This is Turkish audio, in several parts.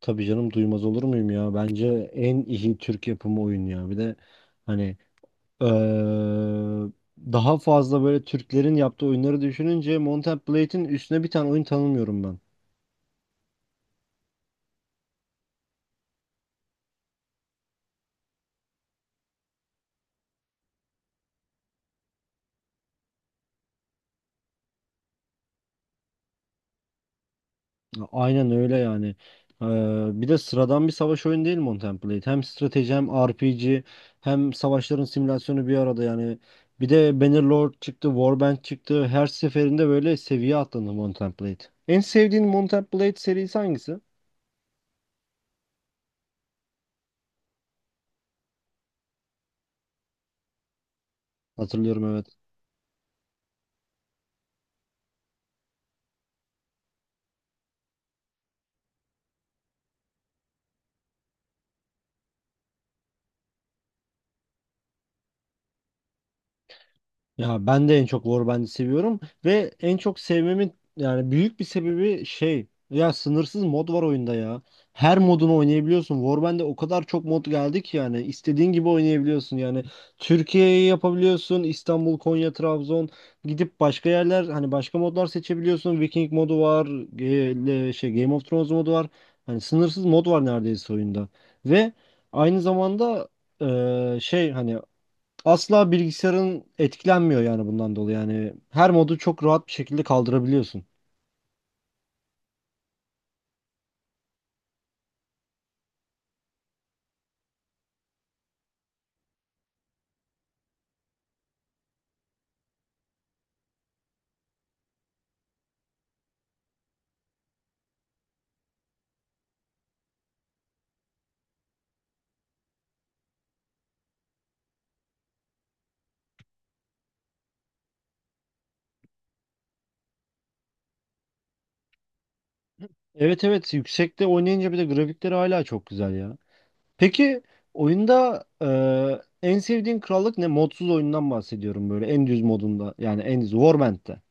Tabii canım, duymaz olur muyum ya? Bence en iyi Türk yapımı oyun ya. Bir de hani eee, daha fazla böyle Türklerin yaptığı oyunları düşününce Mount Blade'in üstüne bir tane oyun tanımıyorum ben. Aynen öyle yani. Bir de sıradan bir savaş oyunu değil Mount Blade. Hem strateji hem RPG hem savaşların simülasyonu bir arada yani. Bir de Bannerlord çıktı, Warband çıktı. Her seferinde böyle seviye atladı Mount Blade. En sevdiğin Mount Blade serisi hangisi? Hatırlıyorum, evet. Ya ben de en çok Warband'i seviyorum ve en çok sevmemin yani büyük bir sebebi şey ya, sınırsız mod var oyunda ya. Her modunu oynayabiliyorsun. Warband'de o kadar çok mod geldi ki yani istediğin gibi oynayabiliyorsun. Yani Türkiye'yi yapabiliyorsun. İstanbul, Konya, Trabzon, gidip başka yerler hani başka modlar seçebiliyorsun. Viking modu var. Şey, Game of Thrones modu var. Hani sınırsız mod var neredeyse oyunda. Ve aynı zamanda şey hani asla bilgisayarın etkilenmiyor yani bundan dolayı. Yani her modu çok rahat bir şekilde kaldırabiliyorsun. Evet, evet, yüksekte oynayınca bir de grafikleri hala çok güzel ya. Peki oyunda en sevdiğin krallık ne? Modsuz oyundan bahsediyorum, böyle en düz modunda, yani en düz Warband'de.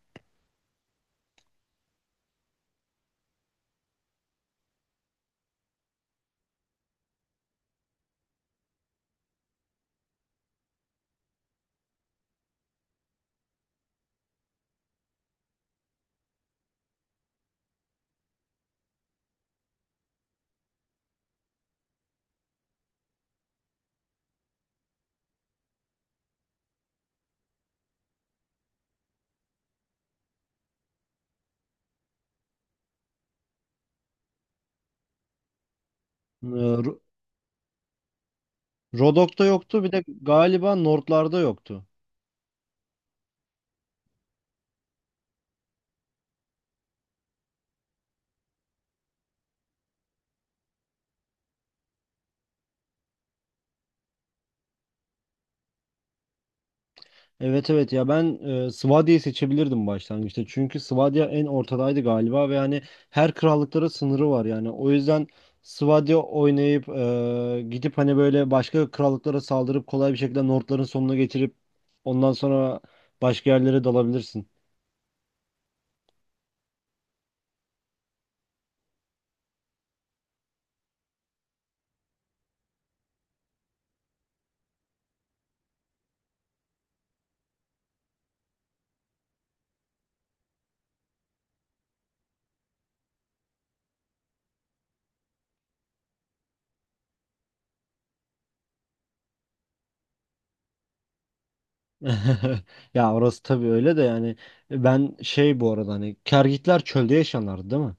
E, Ro- Rodok'ta yoktu, bir de galiba Nord'larda yoktu. Evet evet, ya ben Swadia'yı seçebilirdim başlangıçta. Çünkü Swadia en ortadaydı galiba ve yani her krallıklara sınırı var yani. O yüzden Swadia oynayıp gidip hani böyle başka krallıklara saldırıp kolay bir şekilde Nordların sonuna getirip ondan sonra başka yerlere dalabilirsin. Ya orası tabii öyle de, yani ben şey, bu arada hani Kergitler çölde yaşanlardı değil mi?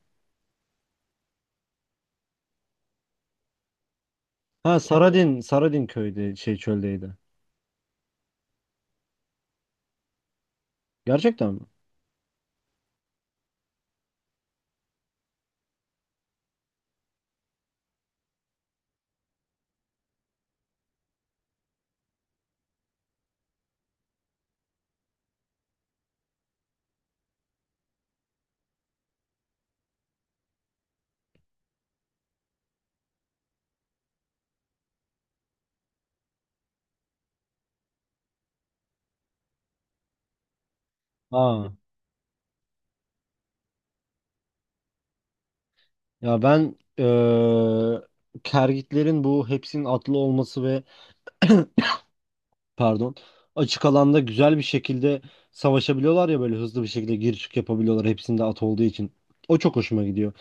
Ha, Saradin, Saradin köyde şey çöldeydi. Gerçekten mi? Aa. Ya ben kergitlerin bu hepsinin atlı olması ve pardon, açık alanda güzel bir şekilde savaşabiliyorlar ya, böyle hızlı bir şekilde gir çık yapabiliyorlar hepsinde at olduğu için. O çok hoşuma gidiyor.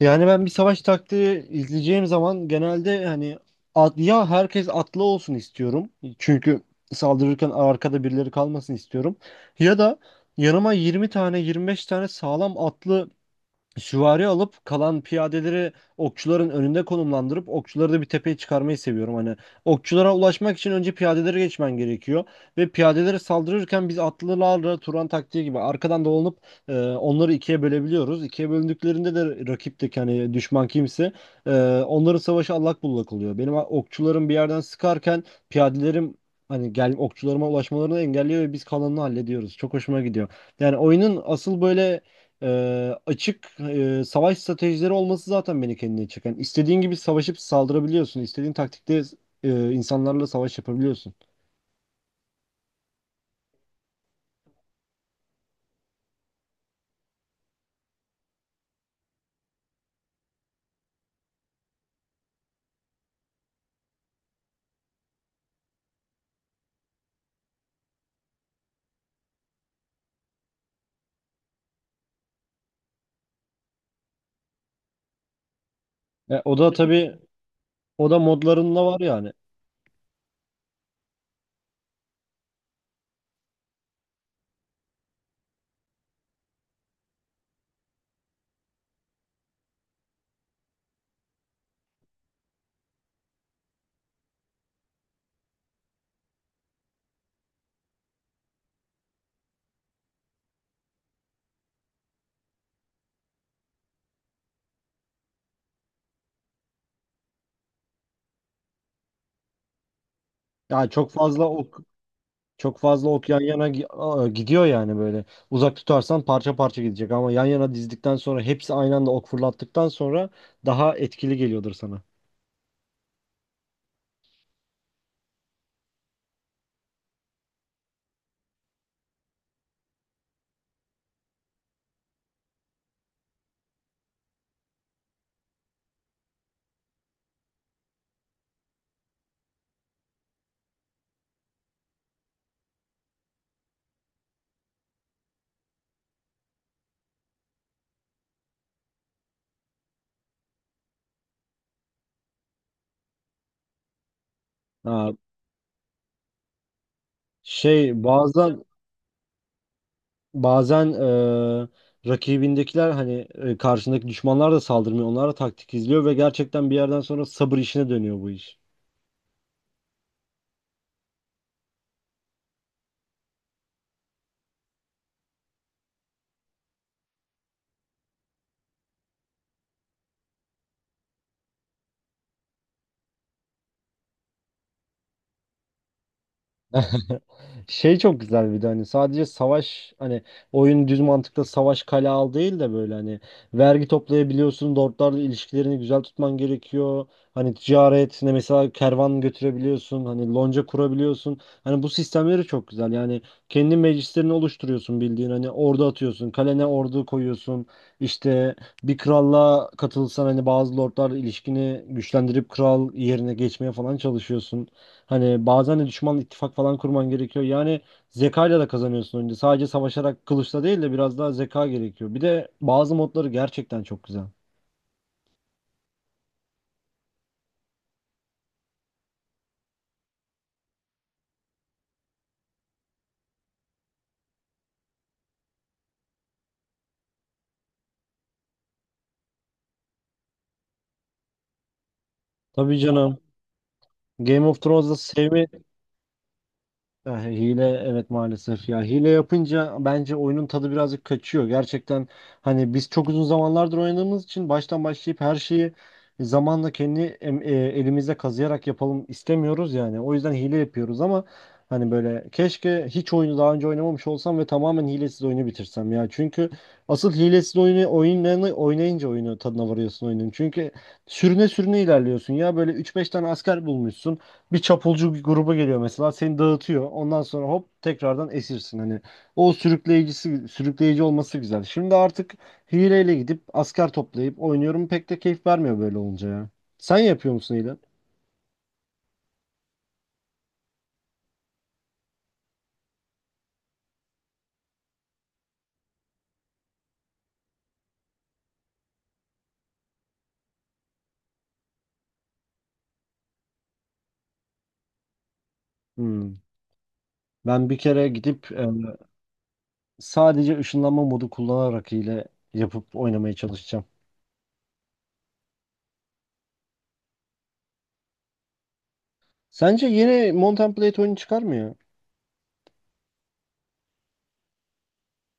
Yani ben bir savaş taktiği izleyeceğim zaman genelde hani at, ya herkes atlı olsun istiyorum. Çünkü saldırırken arkada birileri kalmasın istiyorum. Ya da yanıma 20 tane 25 tane sağlam atlı süvari alıp kalan piyadeleri okçuların önünde konumlandırıp okçuları da bir tepeye çıkarmayı seviyorum. Hani okçulara ulaşmak için önce piyadeleri geçmen gerekiyor ve piyadeleri saldırırken biz atlılarla Turan taktiği gibi arkadan dolanıp onları ikiye bölebiliyoruz. İkiye bölündüklerinde de rakipteki hani düşman kimse, e, onların savaşı allak bullak oluyor. Benim okçularım bir yerden sıkarken piyadelerim hani gel okçularıma ulaşmalarını engelliyor ve biz kalanını hallediyoruz. Çok hoşuma gidiyor. Yani oyunun asıl böyle açık savaş stratejileri olması zaten beni kendine çeken. İstediğin gibi savaşıp saldırabiliyorsun. İstediğin taktikte insanlarla savaş yapabiliyorsun. O da tabii o da modlarında var yani. Yani çok fazla ok yan yana gidiyor yani böyle. Uzak tutarsan parça parça gidecek, ama yan yana dizdikten sonra hepsi aynı anda ok fırlattıktan sonra daha etkili geliyordur sana. Ha, şey bazen, bazen rakibindekiler hani karşındaki düşmanlar da saldırmıyor. Onlar da taktik izliyor ve gerçekten bir yerden sonra sabır işine dönüyor bu iş. Şey çok güzel, bir de hani sadece savaş hani oyun düz mantıkta savaş kale al değil de böyle hani vergi toplayabiliyorsun, lordlarla ilişkilerini güzel tutman gerekiyor. Hani ticaret ne mesela, kervan götürebiliyorsun, hani lonca kurabiliyorsun. Hani bu sistemleri çok güzel. Yani kendi meclislerini oluşturuyorsun bildiğin, hani ordu atıyorsun, kalene ordu koyuyorsun. İşte bir kralla katılsan hani bazı lordlarla ilişkini güçlendirip kral yerine geçmeye falan çalışıyorsun. Hani bazen de düşmanla ittifak falan kurman gerekiyor. Yani zekayla da kazanıyorsun önce. Sadece savaşarak kılıçla değil de biraz daha zeka gerekiyor. Bir de bazı modları gerçekten çok güzel. Tabii canım. Game of Thrones'da sevme. Ya hile, evet maalesef ya, hile yapınca bence oyunun tadı birazcık kaçıyor. Gerçekten hani biz çok uzun zamanlardır oynadığımız için baştan başlayıp her şeyi zamanla kendi elimizde kazıyarak yapalım istemiyoruz yani. O yüzden hile yapıyoruz, ama hani böyle keşke hiç oyunu daha önce oynamamış olsam ve tamamen hilesiz oyunu bitirsem ya. Çünkü asıl hilesiz oyunlarını oynayınca oyunu tadına varıyorsun oyunun. Çünkü sürüne sürüne ilerliyorsun ya, böyle üç beş tane asker bulmuşsun, bir çapulcu bir gruba geliyor mesela, seni dağıtıyor. Ondan sonra hop, tekrardan esirsin. Hani o sürükleyici olması güzel. Şimdi artık hileyle gidip asker toplayıp oynuyorum. Pek de keyif vermiyor böyle olunca ya. Sen yapıyor musun hile? Hmm. Ben bir kere gidip sadece ışınlanma modu kullanarak hile yapıp oynamaya çalışacağım. Sence yeni Mount and Blade oyunu çıkar mı ya?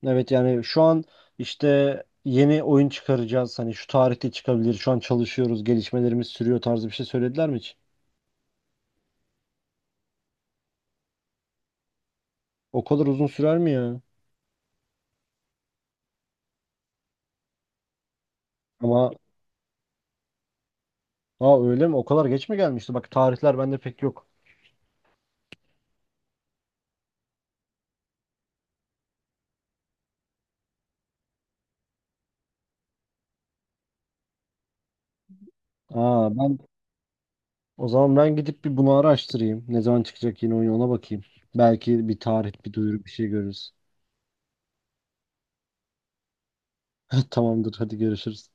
Evet, yani şu an işte yeni oyun çıkaracağız, hani şu tarihte çıkabilir, şu an çalışıyoruz, gelişmelerimiz sürüyor tarzı bir şey söylediler mi hiç? O kadar uzun sürer mi ya? Ama ha, öyle mi? O kadar geç mi gelmişti? Bak tarihler bende pek yok. Aa, ben o zaman, gidip bir bunu araştırayım, ne zaman çıkacak yeni oyun ona bakayım. Belki bir tarih, bir duyuru, bir şey görürüz. Tamamdır. Hadi görüşürüz.